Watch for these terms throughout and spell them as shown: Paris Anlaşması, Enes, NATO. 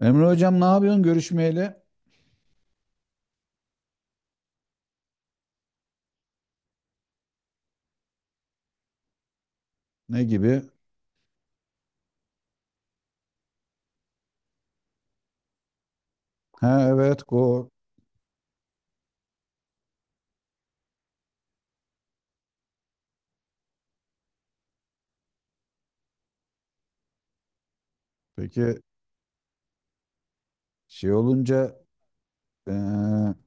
Emre hocam ne yapıyorsun görüşmeyeli? Ne gibi? Ha evet go. Peki şey olunca eee,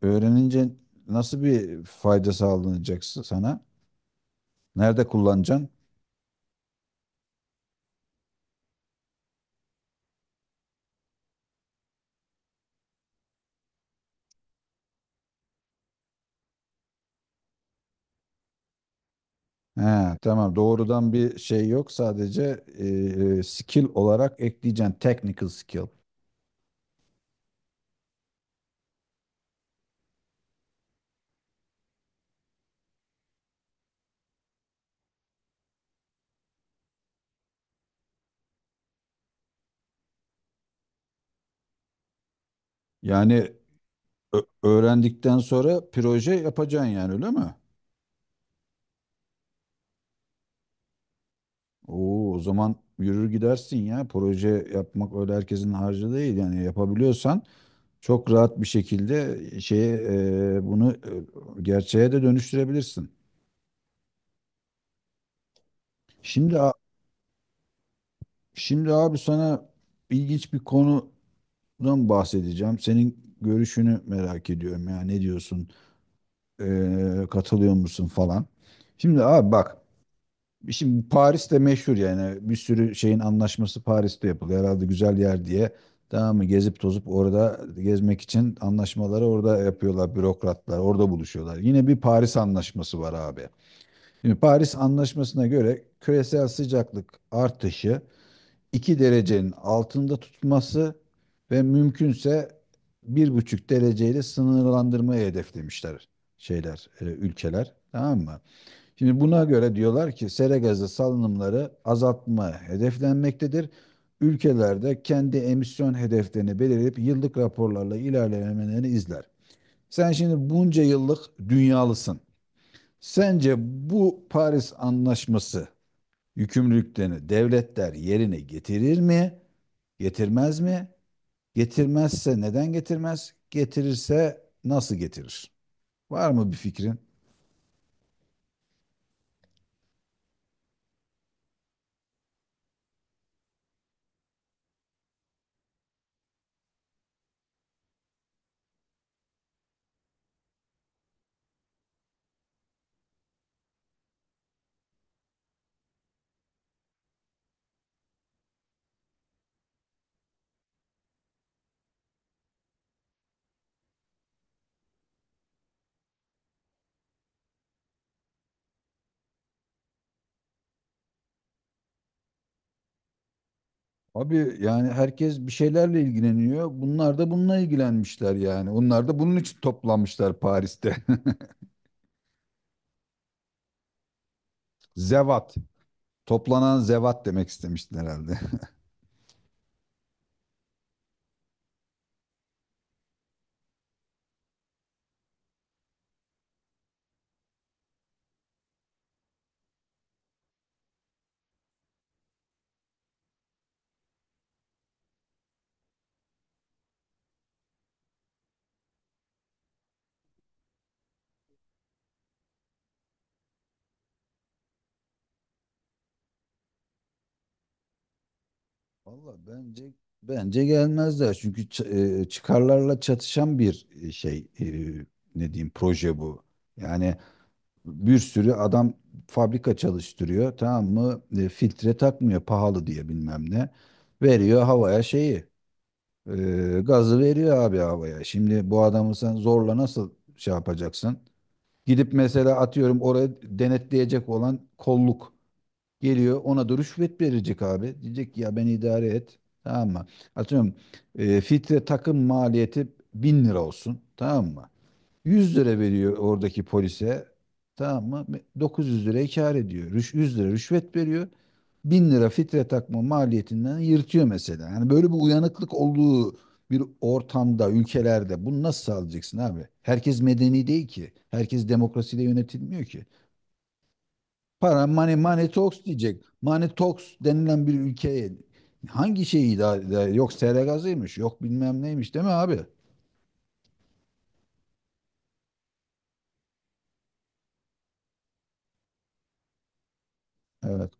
öğrenince nasıl bir fayda sağlanacak sana? Nerede kullanacaksın? Ha, tamam doğrudan bir şey yok sadece skill olarak ekleyeceksin technical skill. Yani ö- öğrendikten sonra proje yapacaksın yani öyle mi? Oo, o zaman yürür gidersin ya proje yapmak öyle herkesin harcı değil yani yapabiliyorsan çok rahat bir şekilde e, şeye e, bunu e, gerçeğe de dönüştürebilirsin. Şimdi abi sana ilginç bir konudan bahsedeceğim. Senin görüşünü merak ediyorum ya ne diyorsun? E, katılıyor musun falan. Şimdi abi bak şimdi Paris'te meşhur yani bir sürü şeyin anlaşması Paris'te yapılıyor. Herhalde güzel yer diye. Tamam mı? Gezip tozup orada gezmek için anlaşmaları orada yapıyorlar bürokratlar. Orada buluşuyorlar. Yine bir Paris anlaşması var abi. Şimdi Paris Anlaşması'na göre küresel sıcaklık artışı 2 derecenin altında tutması ve mümkünse 1,5 dereceyle sınırlandırmayı hedeflemişler ülkeler. Tamam mı? Şimdi buna göre diyorlar ki sera gazı salınımları azaltma hedeflenmektedir. Ülkelerde kendi emisyon hedeflerini belirleyip yıllık raporlarla ilerlemelerini izler. Sen şimdi bunca yıllık dünyalısın. Sence bu Paris Anlaşması yükümlülüklerini devletler yerine getirir mi? Getirmez mi? Getirmezse neden getirmez? Getirirse nasıl getirir? Var mı bir fikrin? Abi yani herkes bir şeylerle ilgileniyor. Bunlar da bununla ilgilenmişler yani. Onlar da bunun için toplanmışlar Paris'te. Zevat. Toplanan zevat demek istemiştin herhalde. Valla bence gelmezler. Çünkü çıkarlarla çatışan bir şey ne diyeyim proje bu. Yani bir sürü adam fabrika çalıştırıyor tamam mı? E, filtre takmıyor pahalı diye bilmem ne. Veriyor havaya gazı veriyor abi havaya. Şimdi bu adamı sen zorla nasıl şey yapacaksın? Gidip mesela atıyorum oraya denetleyecek olan kolluk. Geliyor ona da rüşvet verecek abi. Diyecek ki ya ben idare et. Tamam mı? Atıyorum filtre takım maliyeti 1.000 lira olsun. Tamam mı? 100 lira veriyor oradaki polise. Tamam mı? 900 liraya kâr ediyor. 100 lira rüşvet veriyor. 1.000 lira filtre takma maliyetinden yırtıyor mesela. Yani böyle bir uyanıklık olduğu bir ortamda, ülkelerde bunu nasıl sağlayacaksın abi? Herkes medeni değil ki. Herkes demokrasiyle yönetilmiyor ki. Para, money, money talks diyecek. Money talks denilen bir ülkeye hangi şeyi idare eder? Yok sera gazıymış, yok bilmem neymiş değil mi abi? Evet.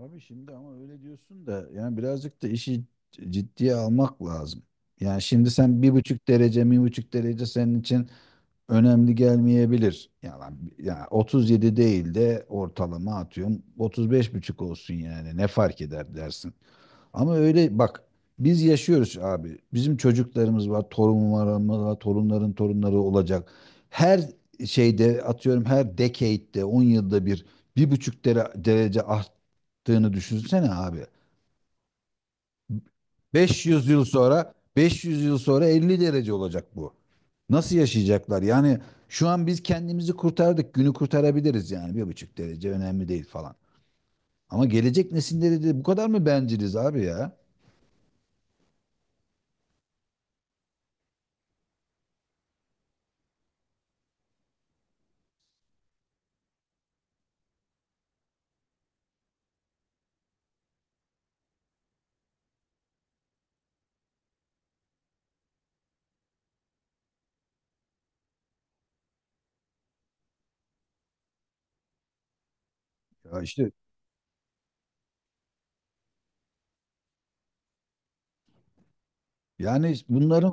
Abi şimdi ama öyle diyorsun da yani birazcık da işi ciddiye almak lazım. Yani şimdi sen 1,5 derece, 1,5 derece senin için önemli gelmeyebilir. Yani, 37 değil de ortalama atıyorum 35 buçuk olsun yani ne fark eder dersin. Ama öyle bak biz yaşıyoruz abi. Bizim çocuklarımız var, torunlarımız var, torunların torunları olacak. Her şeyde atıyorum her decade'de 10 yılda bir 1,5 derece arttığını düşünsene abi. 500 yıl sonra 500 yıl sonra 50 derece olacak bu. Nasıl yaşayacaklar? Yani şu an biz kendimizi kurtardık. Günü kurtarabiliriz yani. 1,5 derece önemli değil falan. Ama gelecek nesilleri de bu kadar mı benciliz abi ya? Ya işte yani bunların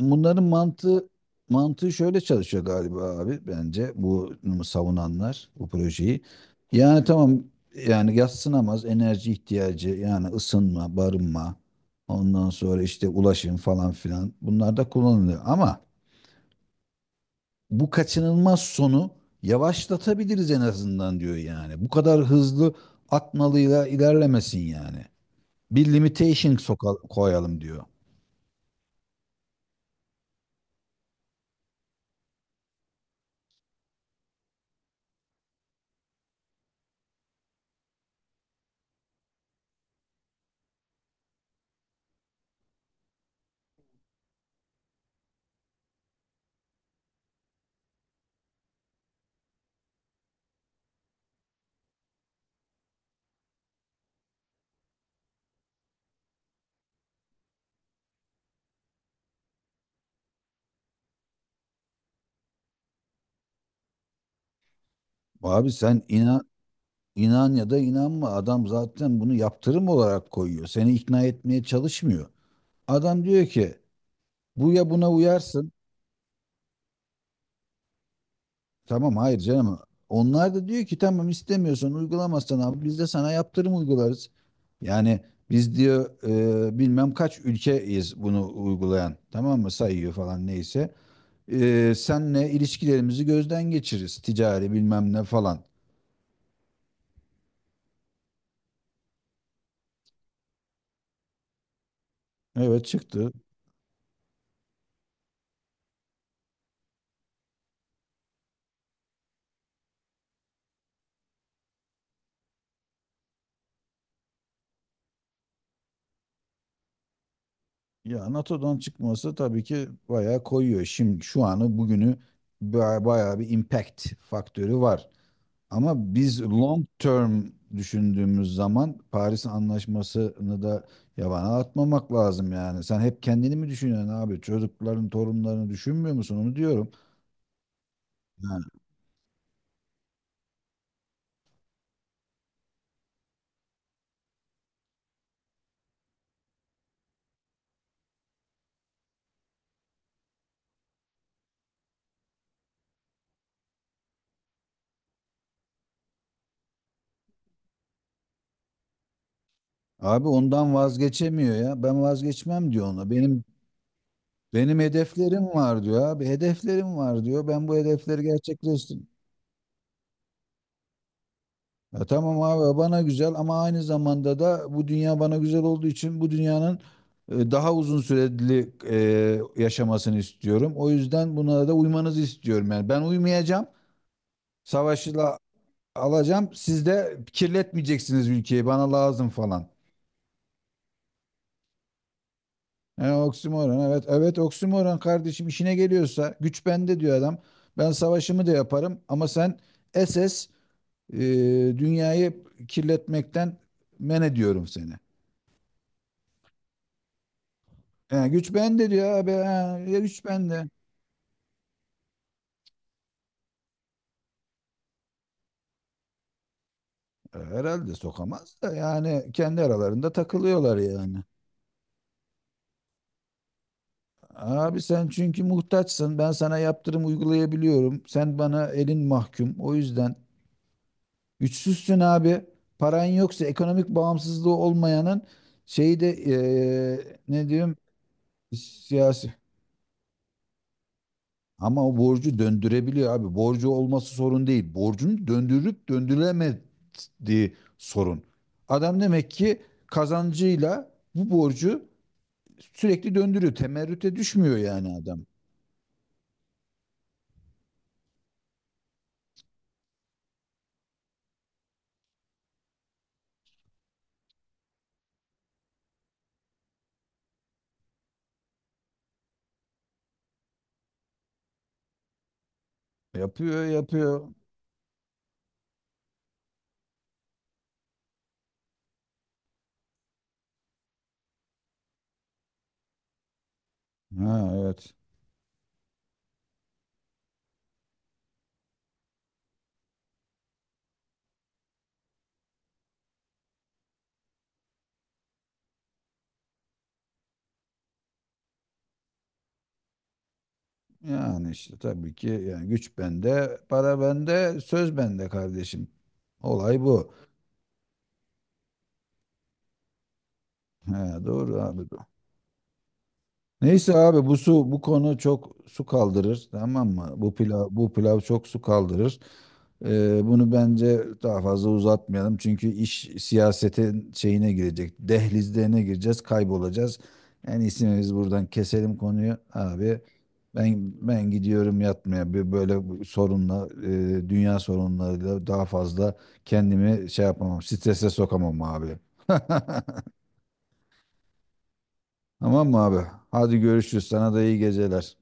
Bunların mantığı şöyle çalışıyor galiba abi bence bu savunanlar bu projeyi. Yani tamam yani yadsınamaz enerji ihtiyacı yani ısınma, barınma, ondan sonra işte ulaşım falan filan bunlar da kullanılıyor. Ama bu kaçınılmaz sonu yavaşlatabiliriz en azından diyor yani. Bu kadar hızlı atmalıyla ilerlemesin yani. Bir limitation soka koyalım diyor. Abi sen inan İnan ya da inanma adam zaten bunu yaptırım olarak koyuyor. Seni ikna etmeye çalışmıyor. Adam diyor ki bu ya buna uyarsın. Tamam hayır canım. Onlar da diyor ki tamam istemiyorsan uygulamazsan abi biz de sana yaptırım uygularız. Yani biz diyor bilmem kaç ülkeyiz bunu uygulayan. Tamam mı sayıyor falan neyse. E, senle ilişkilerimizi gözden geçiririz ticari bilmem ne falan. Evet çıktı. Ya NATO'dan çıkması tabii ki bayağı koyuyor. Şimdi şu anı bugünü bayağı bir impact faktörü var. Ama biz long term düşündüğümüz zaman Paris Anlaşması'nı da yabana atmamak lazım yani. Sen hep kendini mi düşünüyorsun abi? Çocukların, torunlarını düşünmüyor musun? Onu diyorum. Yani abi ondan vazgeçemiyor ya. Ben vazgeçmem diyor ona. Benim hedeflerim var diyor abi. Hedeflerim var diyor. Ben bu hedefleri gerçekleştir. Ya tamam abi bana güzel ama aynı zamanda da bu dünya bana güzel olduğu için bu dünyanın daha uzun süreli yaşamasını istiyorum. O yüzden buna da uymanızı istiyorum. Yani ben uymayacağım. Savaşla alacağım. Siz de kirletmeyeceksiniz ülkeyi. Bana lazım falan. E, oksimoron evet. Evet oksimoron kardeşim işine geliyorsa güç bende diyor adam. Ben savaşımı da yaparım ama sen SS e, dünyayı kirletmekten men ediyorum seni. He, güç bende diyor abi. He, ya güç bende. E, herhalde sokamaz da yani kendi aralarında takılıyorlar yani. Abi sen çünkü muhtaçsın. Ben sana yaptırım uygulayabiliyorum. Sen bana elin mahkum. O yüzden güçsüzsün abi. Paran yoksa ekonomik bağımsızlığı olmayanın şeyi de ne diyeyim siyasi. Ama o borcu döndürebiliyor abi. Borcu olması sorun değil. Borcun döndürüp döndürülemediği sorun. Adam demek ki kazancıyla bu borcu sürekli döndürüyor. Temerrüte düşmüyor yani adam. Yapıyor, yapıyor. Ha evet. Yani işte tabii ki yani güç bende, para bende, söz bende kardeşim. Olay bu. He, doğru abi. Neyse abi bu konu çok su kaldırır tamam mı? Bu pilav bu pilav çok su kaldırır. Bunu bence daha fazla uzatmayalım çünkü iş siyasetin şeyine girecek. Dehlizlerine gireceğiz, kaybolacağız. En iyisi biz buradan keselim konuyu abi. Ben gidiyorum yatmaya. Bir böyle bu sorunla dünya sorunlarıyla daha fazla kendimi şey yapamam. Strese sokamam abi. Tamam mı abi? Hadi görüşürüz. Sana da iyi geceler.